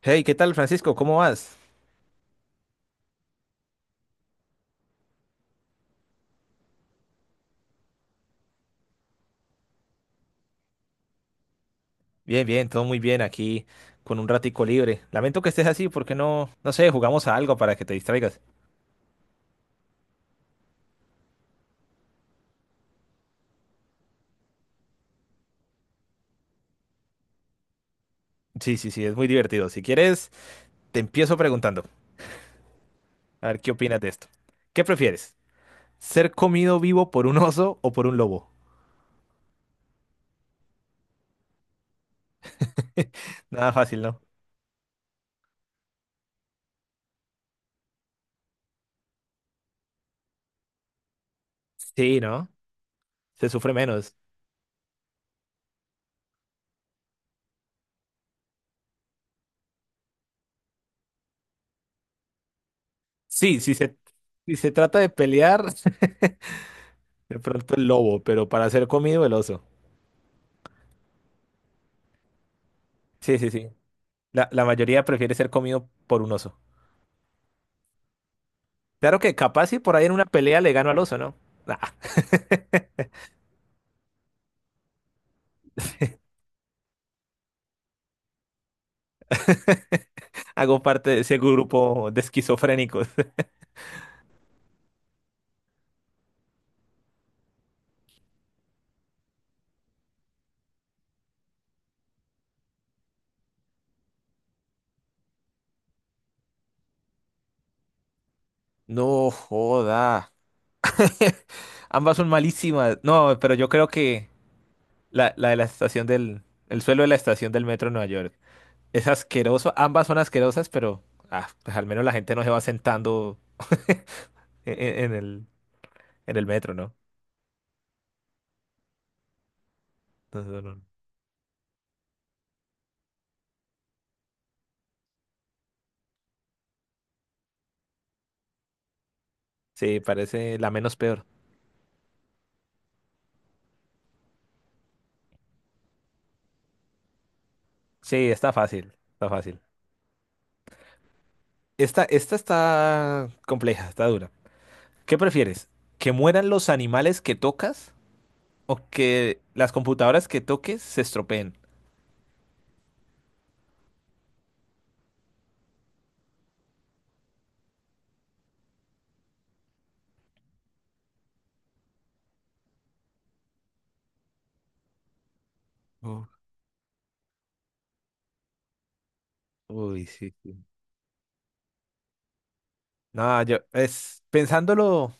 Hey, ¿qué tal, Francisco? ¿Cómo vas? Bien, bien, todo muy bien aquí, con un ratico libre. Lamento que estés así, porque no, no sé, jugamos a algo para que te distraigas. Sí, sí, sí, es muy divertido. Si quieres, te empiezo preguntando. A ver, ¿qué opinas de esto? ¿Qué prefieres? ¿Ser comido vivo por un oso o por un lobo? Nada fácil, ¿no? Sí, ¿no? Se sufre menos. Sí, si se trata de pelear, de pronto el lobo, pero para ser comido el oso. Sí, sí, sí. La mayoría prefiere ser comido por un oso. Claro que capaz si por ahí en una pelea le gano al oso, ¿no? Ah, hago parte de ese grupo de esquizofrénicos. No joda. Ambas son malísimas. No, pero yo creo que la de la estación del... El suelo de la estación del metro de Nueva York. Es asqueroso. Ambas son asquerosas, pero pues al menos la gente no se va sentando en, en el, en el metro, ¿no? Entonces, no. Sí, parece la menos peor. Sí, está fácil. Está fácil. Esta está compleja, está dura. ¿Qué prefieres? ¿Que mueran los animales que tocas o que las computadoras que toques se estropeen? Uf, uy, sí, sí. No, yo es pensándolo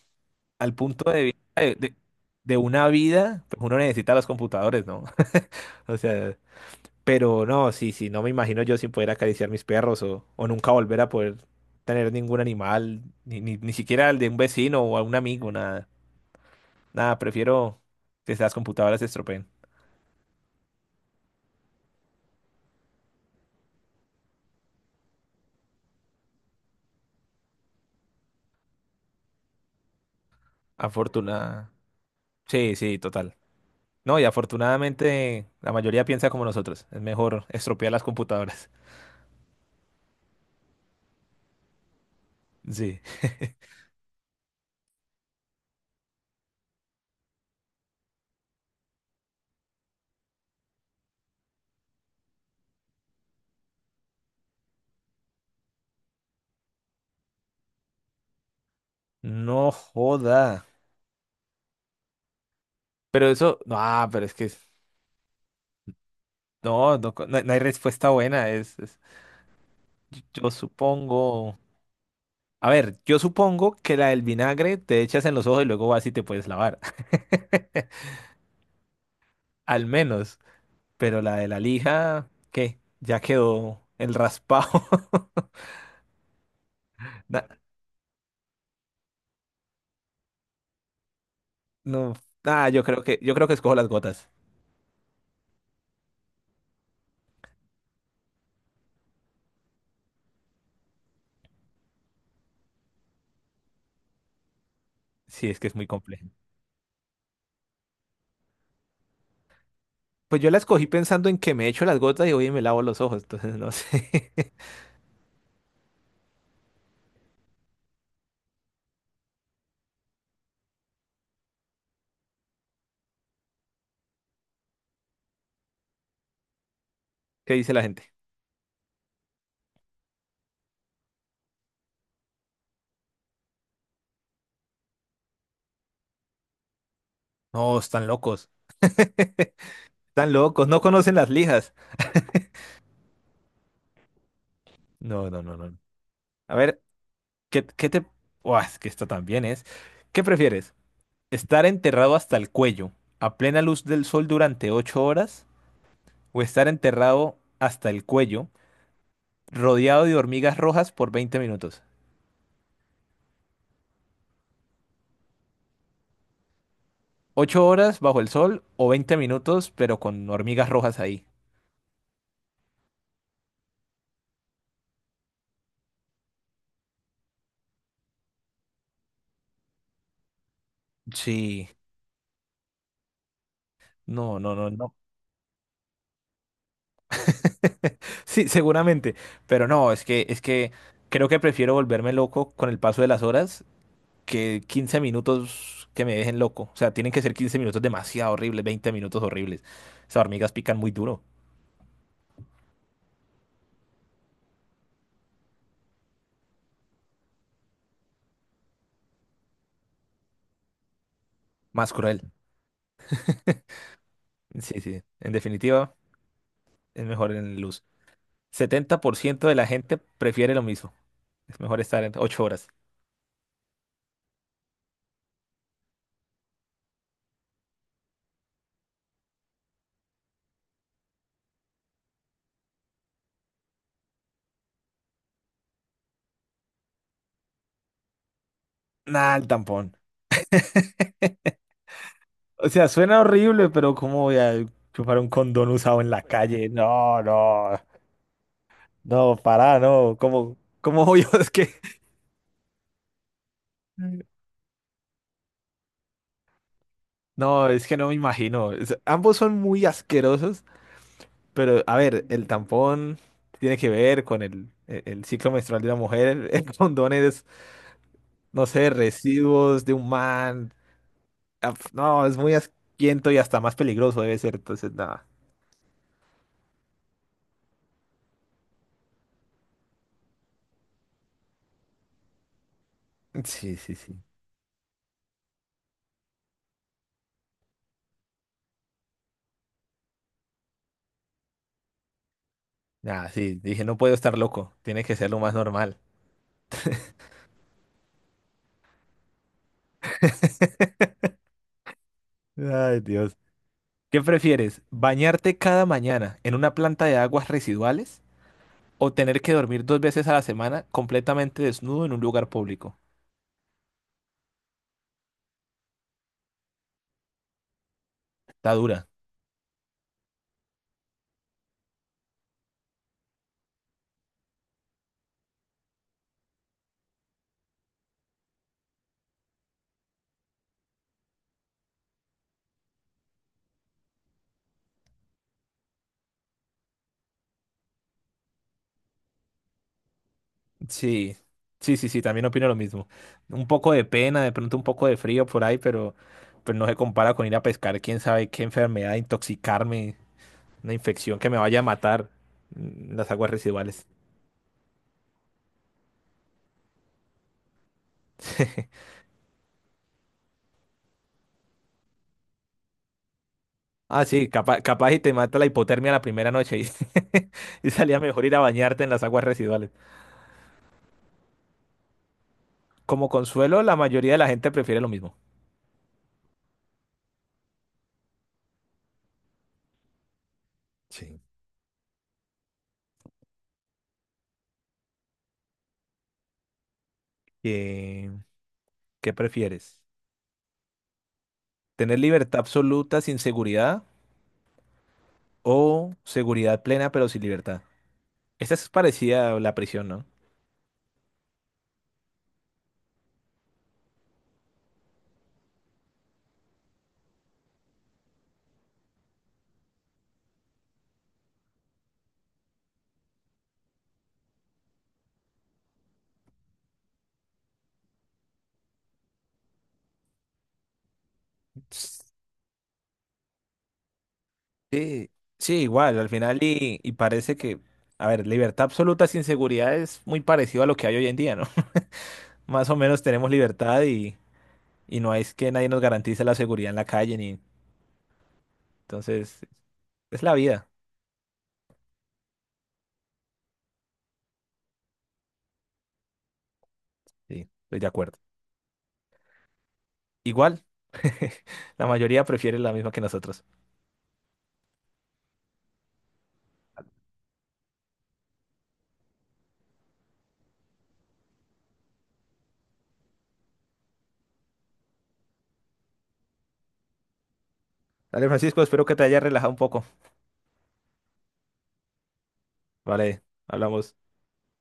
al punto de vista de una vida, pues uno necesita los computadores, ¿no? O sea, pero no, sí, sí, no me imagino yo sin poder acariciar mis perros o nunca volver a poder tener ningún animal, ni siquiera el de un vecino o a un amigo, nada. Nada, prefiero que las computadoras se estropeen. Afortunada. Sí, sí, total. No, y afortunadamente la mayoría piensa como nosotros. Es mejor estropear las computadoras. Sí. No joda. Pero eso, no, pero no hay respuesta buena. Yo supongo. A ver, yo supongo que la del vinagre te echas en los ojos y luego vas y te puedes lavar. Al menos. Pero la de la lija, ¿qué? Ya quedó el raspado. Na- no, yo creo que escojo las gotas. Sí, es que es muy complejo. Pues yo la escogí pensando en que me echo las gotas y hoy me lavo los ojos, entonces no sé qué dice la gente. No, están locos. Están locos, no conocen las lijas. No, no, no, no. A ver, ¿qué te... Buah, es que esto también es. ¿Qué prefieres? ¿Estar enterrado hasta el cuello a plena luz del sol durante 8 horas? ¿O estar enterrado hasta el cuello rodeado de hormigas rojas por 20 minutos? ¿Ocho horas bajo el sol o 20 minutos pero con hormigas rojas ahí? Sí. No, no, no, no. Sí, seguramente, pero no, es que, creo que prefiero volverme loco con el paso de las horas que 15 minutos que me dejen loco. O sea, tienen que ser 15 minutos demasiado horribles, 20 minutos horribles. Esas hormigas pican muy duro, más cruel. Sí, sí, en definitiva, es mejor en luz. 70% de la gente prefiere lo mismo. Es mejor estar en 8 horas. Nah, el tampón. O sea, suena horrible, pero ¿cómo voy a chupar un condón usado en la calle? No, no. No, pará, no. ¿Cómo obvio es que no me imagino. Ambos son muy asquerosos, pero a ver, el tampón tiene que ver con el ciclo menstrual de la mujer. El condón es, no sé, residuos de un man. Ah, pf, no, es muy asquiento y hasta más peligroso debe ser. Entonces, nada. Sí, sí, sí. Nada, sí. Dije, no puedo estar loco. Tiene que ser lo más normal. Ay, Dios. ¿Qué prefieres? ¿Bañarte cada mañana en una planta de aguas residuales o tener que dormir dos veces a la semana completamente desnudo en un lugar público? Está dura. Sí, sí, sí, sí, también opino lo mismo. Un poco de pena, de pronto un poco de frío por ahí, pero, no se compara con ir a pescar, quién sabe qué enfermedad, intoxicarme, una infección que me vaya a matar, las aguas residuales. Ah, sí, capaz y te mata la hipotermia la primera noche y, y salía mejor ir a bañarte en las aguas residuales. Como consuelo, la mayoría de la gente prefiere lo mismo. Sí. Eh, ¿Qué prefieres? Tener libertad absoluta sin seguridad o seguridad plena pero sin libertad. Esta es parecida a la prisión, ¿no? Sí, sí, igual, al final y parece que, a ver, libertad absoluta sin seguridad es muy parecido a lo que hay hoy en día, ¿no? Más o menos tenemos libertad y no es que nadie nos garantice la seguridad en la calle, ni... Entonces, es la vida. Sí, estoy de acuerdo. Igual, la mayoría prefiere la misma que nosotros. Dale, Francisco, espero que te haya relajado un poco. Vale, hablamos.